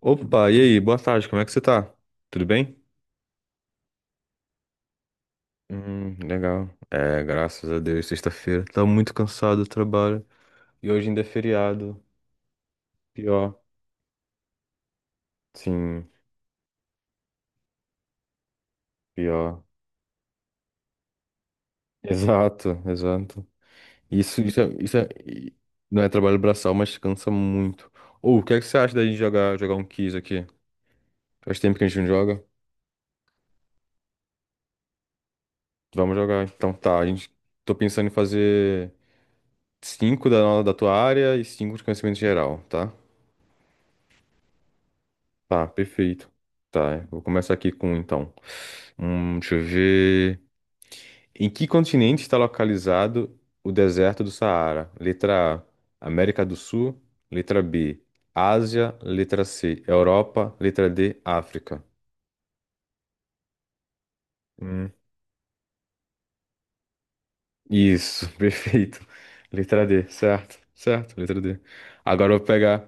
Opa, e aí? Boa tarde, como é que você tá? Tudo bem? Legal. É, graças a Deus, sexta-feira. Tá muito cansado do trabalho. E hoje ainda é feriado. Pior. Sim, pior. Exato, exato. Isso, não é trabalho braçal, mas cansa muito. Ou, o que é que você acha da gente jogar um quiz aqui? Faz tempo que a gente não joga? Vamos jogar. Então tá, a gente... Tô pensando em fazer cinco da tua área e cinco de conhecimento geral, tá? Tá, perfeito. Tá, eu vou começar aqui com um, então. Deixa eu ver. Em que continente está localizado o deserto do Saara? Letra A, América do Sul. Letra B, Ásia. Letra C, Europa. Letra D, África. Hum, isso, perfeito. Letra D, certo, certo, letra D. Agora eu vou pegar,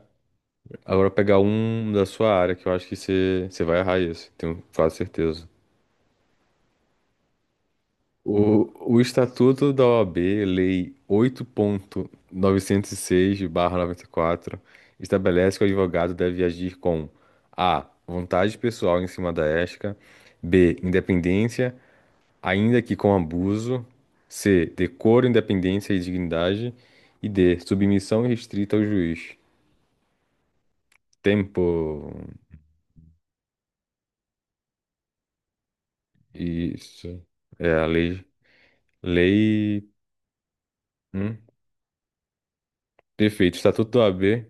agora eu vou pegar um da sua área, que eu acho que você vai errar isso, tenho quase certeza. O Estatuto da OAB, Lei oito ponto novecentos e seis/barra noventa e quatro estabelece que o advogado deve agir com A. Vontade pessoal em cima da ética, B. Independência, ainda que com abuso, C. Decoro, independência e dignidade, e D. Submissão restrita ao juiz. Tempo. Isso. É a lei. Lei. Hum? Perfeito. Estatuto da OAB.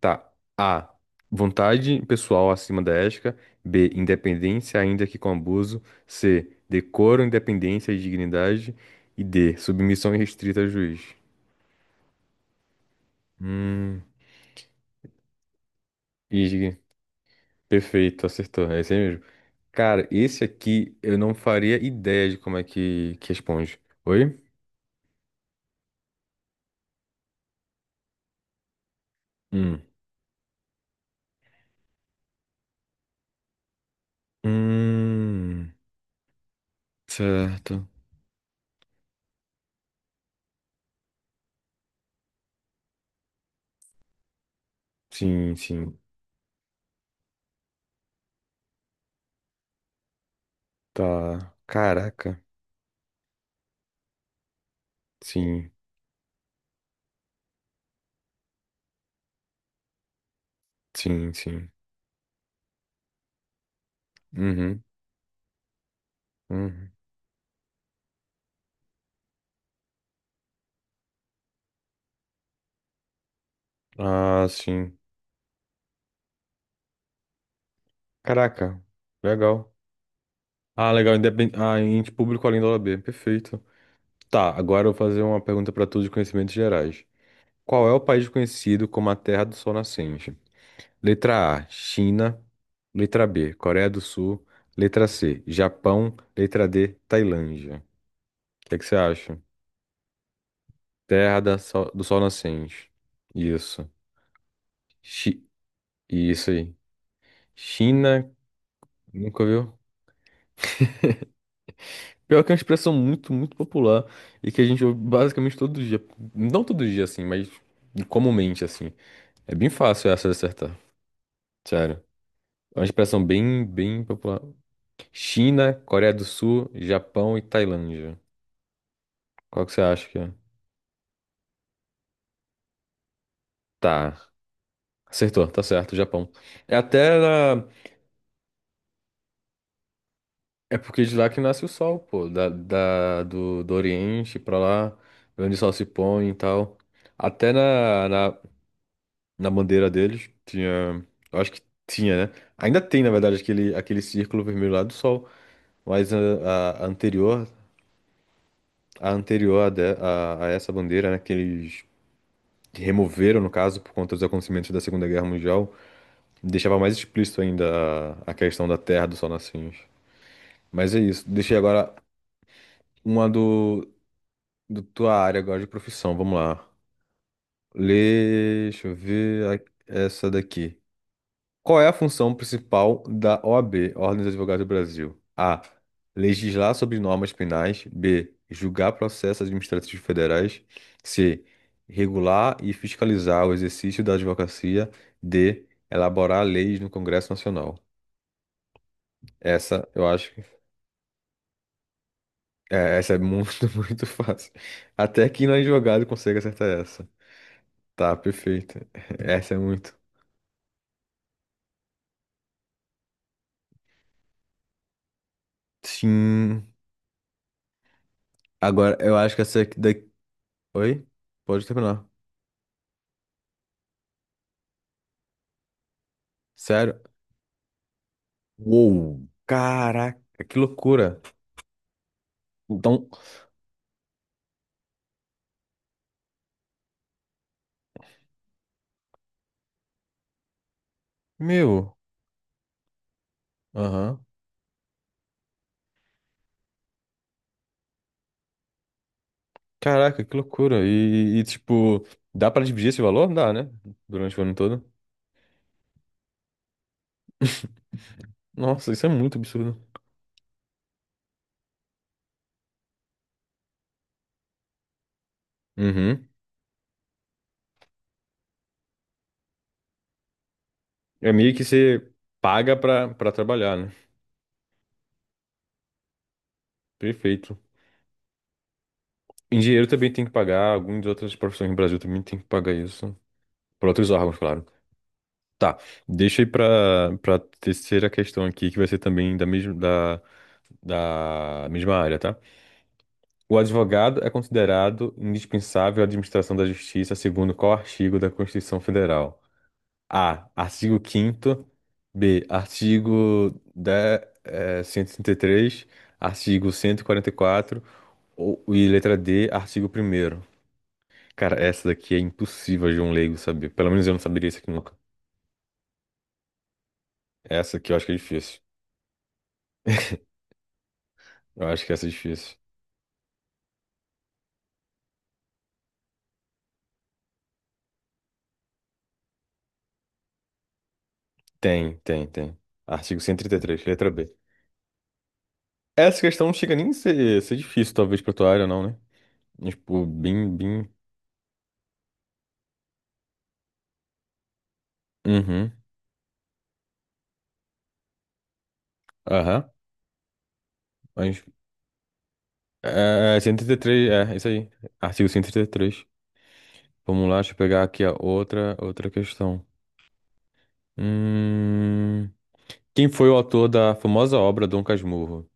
Tá. A. Vontade pessoal acima da ética. B. Independência, ainda que com abuso. C. Decoro, independência e dignidade. E D. Submissão irrestrita ao juiz. Hum. Ig. Perfeito, acertou. É esse aí mesmo. Cara, esse aqui eu não faria ideia de como é que responde. Oi? Hum. Hum. Certo. Sim, sim. Tá. Caraca. Sim, sim, sim. Uhum. Uhum. Ah, sim. Caraca, legal. Ah, legal, independente. Ah, ente público além da OAB, perfeito. Tá, agora eu vou fazer uma pergunta para todos de conhecimentos gerais. Qual é o país conhecido como a Terra do Sol Nascente? Letra A, China. Letra B, Coreia do Sul. Letra C, Japão. Letra D, Tailândia. O que é que você acha? Do Sol Nascente. Isso. Chi... Isso aí. China, nunca viu? Pior que é uma expressão muito, muito popular e que a gente ouve basicamente todo dia. Não todo dia, assim, mas comumente, assim. É bem fácil essa de acertar, sério. É uma expressão bem, bem popular. China, Coreia do Sul, Japão e Tailândia. Qual que você acha que é? Tá. Acertou, tá certo, Japão. É até da... É porque de lá que nasce o sol, pô. Do Oriente pra lá, onde o sol se põe e tal. Até na na bandeira deles. Tinha. Eu acho que tinha, né? Ainda tem, na verdade, aquele, aquele círculo vermelho lá do sol. Mas a anterior, a essa bandeira, né? Que eles removeram, no caso, por conta dos acontecimentos da Segunda Guerra Mundial, deixava mais explícito ainda a questão da terra do sol nascente. Mas é isso. Deixei agora uma do tua área agora de profissão. Vamos lá. Lê, deixa eu ver a- essa daqui. Qual é a função principal da OAB, Ordem dos Advogados do Brasil? A. Legislar sobre normas penais. B. Julgar processos administrativos federais. C. Regular e fiscalizar o exercício da advocacia. D. Elaborar leis no Congresso Nacional. Essa, eu acho que. É, essa é muito, muito fácil. Até quem não é advogado consegue acertar essa. Tá, perfeito. Essa é muito. Sim. Agora, eu acho que essa aqui daqui. Oi? Pode terminar. Sério? Uou, caraca, que loucura. Então, meu, aham. Caraca, que loucura. E, tipo, dá pra dividir esse valor? Dá, né? Durante o ano todo. Nossa, isso é muito absurdo. Uhum. É meio que você paga pra trabalhar, né? Perfeito. Engenheiro também tem que pagar, algumas outras profissões no Brasil também tem que pagar isso. Para outros órgãos, claro. Tá, deixa aí pra terceira questão aqui, que vai ser também da mesma área, tá? O advogado é considerado indispensável à administração da justiça segundo qual artigo da Constituição Federal? A. Artigo quinto. B. Artigo 133. Artigo 144. Ou, e letra D. Artigo primeiro. Cara, essa daqui é impossível de um leigo saber. Pelo menos eu não saberia isso aqui nunca. Essa aqui eu acho que é difícil. Eu acho que essa é difícil. Tem, tem, tem. Artigo 133, letra B. Essa questão não chega nem a ser difícil, talvez, pra tua área, não, né? Tipo, bim, bim. Uhum. Aham. Mas. Cento e trinta e três, é, isso aí. Artigo cento e trinta e três. Vamos lá, deixa eu pegar aqui a outra questão. Hum, quem foi o autor da famosa obra Dom Casmurro?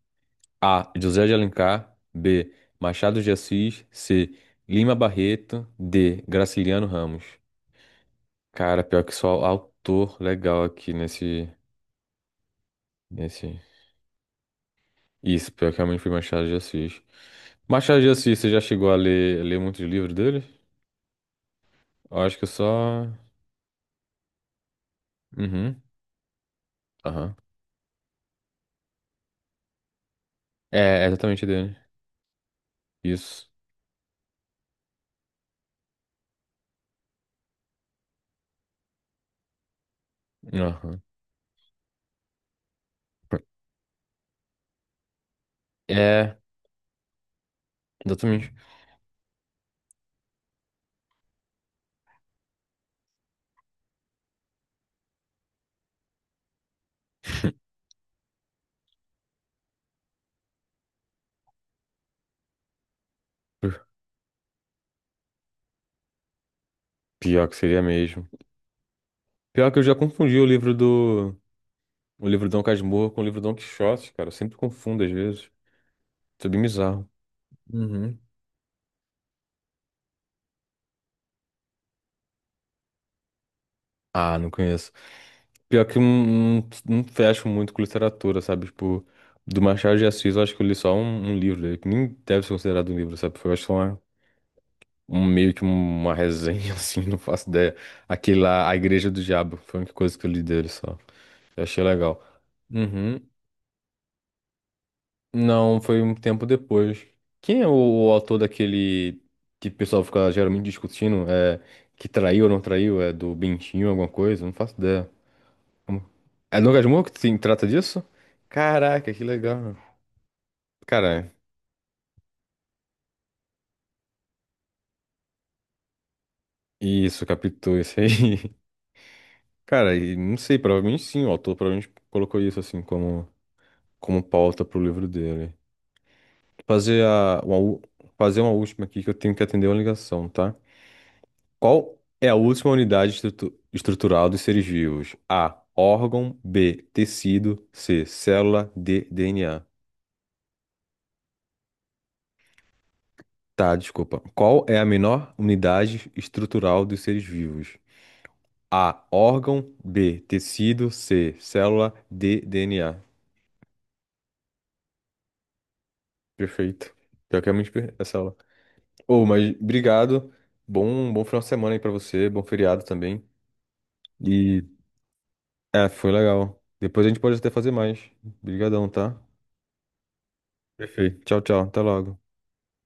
A. José de Alencar. B. Machado de Assis. C. Lima Barreto. D. Graciliano Ramos. Cara, pior que só autor legal aqui nesse. Isso, pior que realmente foi Machado de Assis. Machado de Assis, você já chegou a ler muitos livros dele? Eu acho que eu só. Uhum. Aham. É, é exatamente dele. Isso. Aham. É, exatamente. Pior que seria mesmo. Pior que eu já confundi o livro do. O livro Dom Casmurro com o livro Dom Quixote, cara. Eu sempre confundo às vezes. Isso é bem bizarro. Uhum. Ah, não conheço. Pior que eu não fecho muito com literatura, sabe? Tipo, do Machado de Assis, eu acho que eu li só um livro dele, que nem deve ser considerado um livro, sabe? Foi, eu acho que um meio que uma resenha, assim, não faço ideia. Aquele lá, A Igreja do Diabo, foi a única coisa que eu li dele só. Eu achei legal. Uhum. Não, foi um tempo depois. Quem é o autor daquele que o pessoal fica geralmente discutindo? É, que traiu ou não traiu? É do Bentinho, alguma coisa? Não faço ideia. Como- É Lucas Moura que se trata disso? Caraca, que legal. Cara, isso, captou isso aí. Cara, e não sei, provavelmente sim, o autor provavelmente colocou isso assim como. Como pauta pro livro dele. Fazer a, uma, u- fazer uma última aqui que eu tenho que atender uma ligação, tá? Qual é a última unidade estrutural dos seres vivos? A. Órgão. B. Tecido. C. Célula. D. DNA. Tá, desculpa. Qual é a menor unidade estrutural dos seres vivos? A. Órgão. B. Tecido. C. Célula. D. DNA. Perfeito. Pior que é muito per- essa aula. Ô, mas obrigado. Bom, bom final de semana aí pra você. Bom feriado também. E é, foi legal. Depois a gente pode até fazer mais. Obrigadão, tá? Perfeito. Tchau, tchau. Até logo.